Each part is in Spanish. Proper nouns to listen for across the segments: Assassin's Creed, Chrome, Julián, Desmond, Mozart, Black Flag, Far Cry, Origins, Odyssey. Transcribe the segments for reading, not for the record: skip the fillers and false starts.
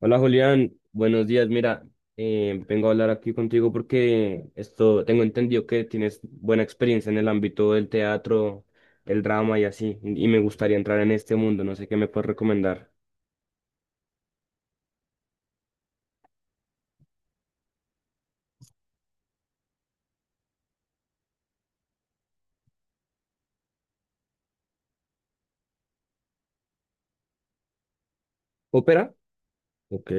Hola Julián, buenos días. Mira, vengo a hablar aquí contigo porque esto tengo entendido que tienes buena experiencia en el ámbito del teatro, el drama y así, y me gustaría entrar en este mundo. No sé qué me puedes recomendar. ¿Ópera? Ok.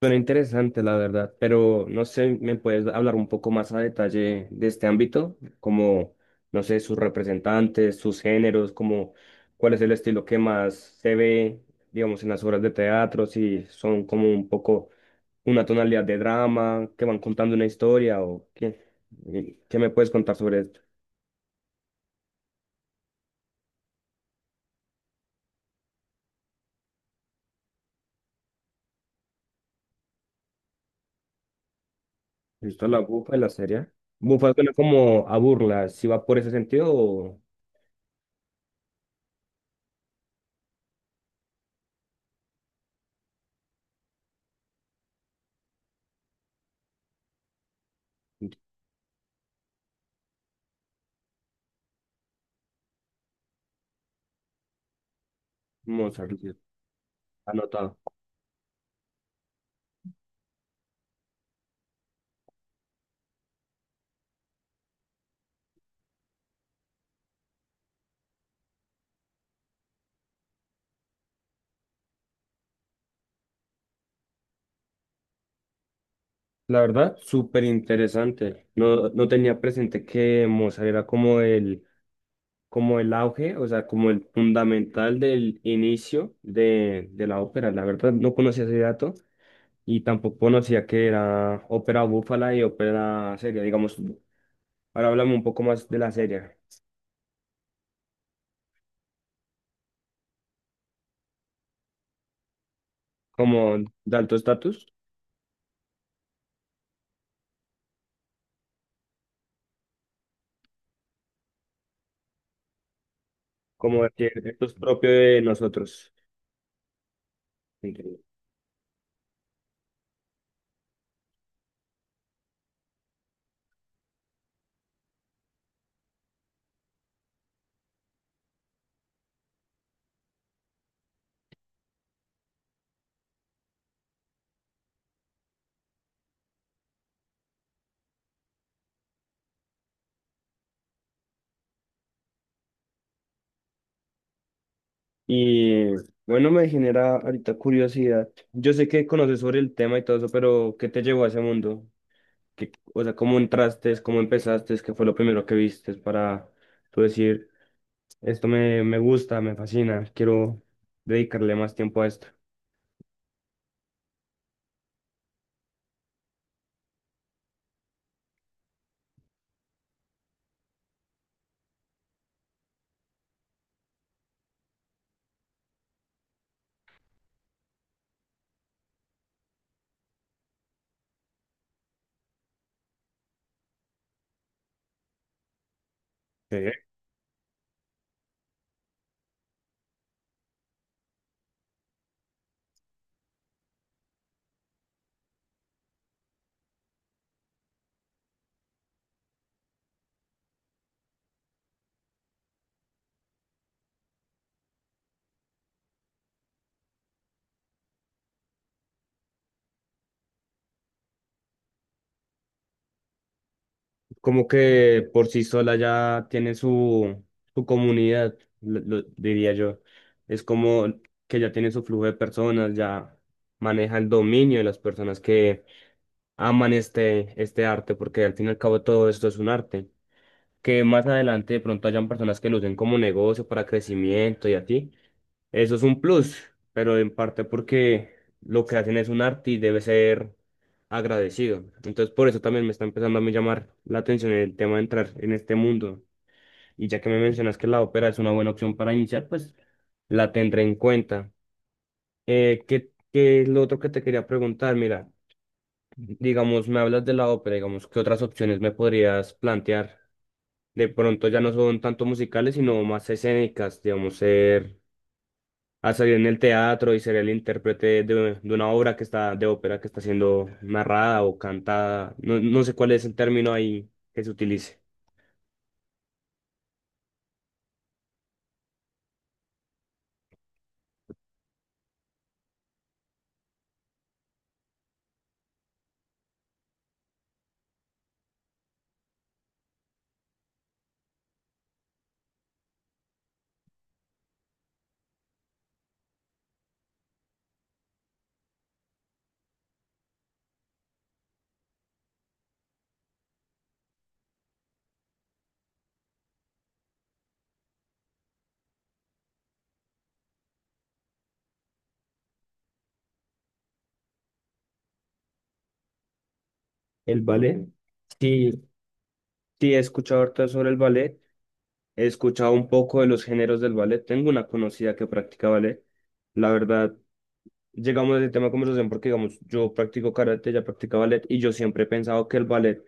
Suena interesante, la verdad, pero no sé, ¿me puedes hablar un poco más a detalle de este ámbito? Como, no sé, sus representantes, sus géneros, como cuál es el estilo que más se ve, digamos, en las obras de teatro, si son como un poco una tonalidad de drama, que van contando una historia o qué. ¿Qué me puedes contar sobre esto? ¿Listo la bufa y la serie? Bufa suena como a burla, si va por ese sentido o Mozart, anotado. La verdad, súper interesante. No, no tenía presente que Mozart era como el auge, o sea, como el fundamental del inicio de la ópera. La verdad, no conocía ese dato y tampoco conocía que era ópera búfala y ópera seria. Digamos, ahora háblame un poco más de la serie, como de alto estatus, como de que esto es propio de nosotros. Y bueno, me genera ahorita curiosidad. Yo sé que conoces sobre el tema y todo eso, pero ¿qué te llevó a ese mundo? ¿Qué- o sea, ¿cómo entraste? ¿Cómo empezaste? ¿Qué fue lo primero que viste para tú decir, esto me, me gusta, me fascina, quiero dedicarle más tiempo a esto? Eh, Como que por sí sola ya tiene su, su comunidad, lo diría yo. Es como que ya tiene su flujo de personas, ya maneja el dominio de las personas que aman este, este arte, porque al fin y al cabo todo esto es un arte. Que más adelante de pronto hayan personas que lo usen como negocio para crecimiento y así. Eso es un plus, pero en parte porque lo que hacen es un arte y debe ser agradecido. Entonces por eso también me está empezando a mí llamar la atención el tema de entrar en este mundo. Y ya que me mencionas que la ópera es una buena opción para iniciar, pues la tendré en cuenta. ¿Qué, qué es lo otro que te quería preguntar? Mira. Digamos, me hablas de la ópera, digamos, ¿qué otras opciones me podrías plantear? De pronto ya no son tanto musicales, sino más escénicas, digamos, ser, a salir en el teatro y ser el intérprete de una obra que está, de ópera que está siendo narrada o cantada. No, no sé cuál es el término ahí que se utilice. El ballet. Sí, sí, he escuchado harto sobre el ballet. He escuchado un poco de los géneros del ballet. Tengo una conocida que practica ballet. La verdad, llegamos a ese tema de conversación porque, digamos, yo practico karate, ya practica ballet y yo siempre he pensado que el ballet,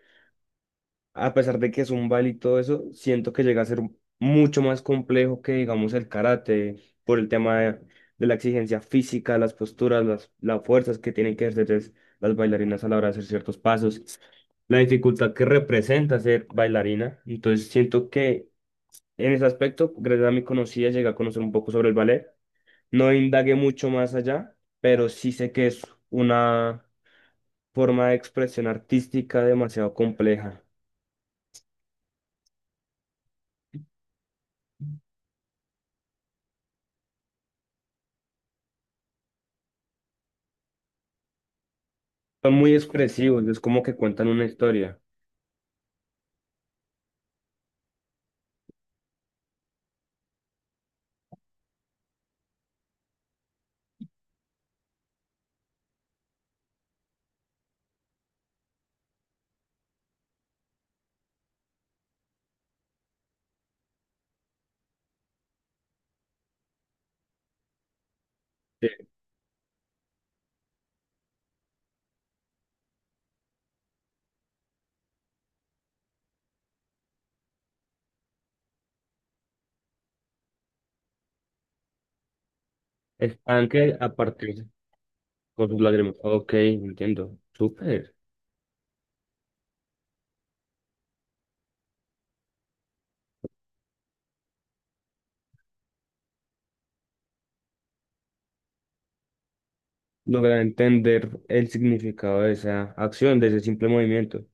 a pesar de que es un baile y todo eso, siento que llega a ser mucho más complejo que, digamos, el karate por el tema de la exigencia física, las posturas, las fuerzas que tienen que ejercer las bailarinas a la hora de hacer ciertos pasos, la dificultad que representa ser bailarina. Entonces, siento que en ese aspecto, gracias a mi conocida, llegué a conocer un poco sobre el ballet. No indagué mucho más allá, pero sí sé que es una forma de expresión artística demasiado compleja. Son muy expresivos, es como que cuentan una historia. Sí. Están que a partir con sus lágrimas. Ok, entiendo. Súper. Lograr entender el significado de esa acción, de ese simple movimiento.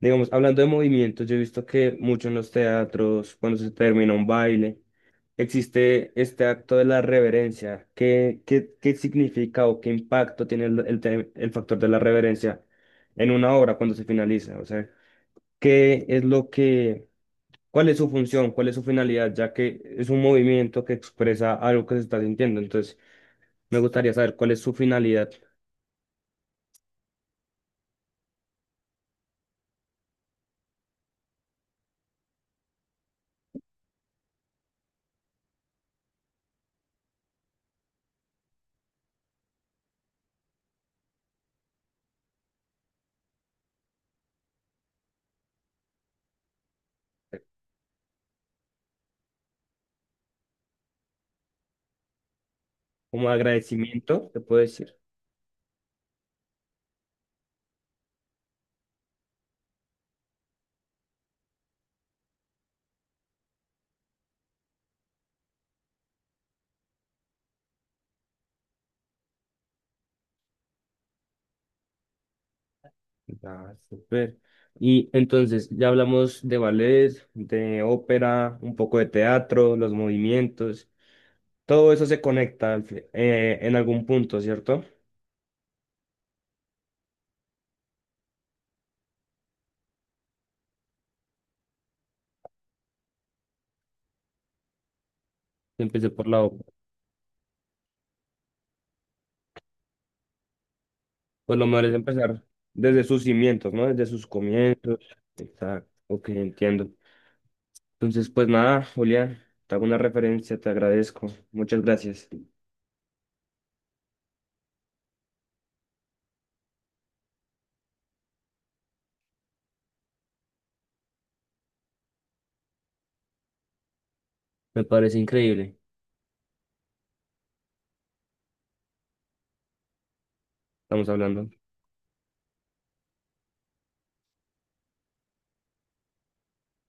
Digamos, hablando de movimientos, yo he visto que mucho en los teatros, cuando se termina un baile, existe este acto de la reverencia. ¿Qué, qué, qué significa o qué impacto tiene el te- el factor de la reverencia en una obra cuando se finaliza? O sea, ¿qué es lo que, cuál es su función, cuál es su finalidad, ya que es un movimiento que expresa algo que se está sintiendo? Entonces, me gustaría saber cuál es su finalidad. eh, Como agradecimiento, te puedo decir. Ah, súper. Y entonces ya hablamos de ballet, de ópera, un poco de teatro, los movimientos. Todo eso se conecta al en algún punto, ¿cierto? Empecé por la obra. Pues lo mejor es empezar desde sus cimientos, ¿no? Desde sus comienzos. Exacto, ok, entiendo. Entonces, pues nada, Julián, te hago una referencia, te agradezco. Muchas gracias. Me parece increíble. Estamos hablando.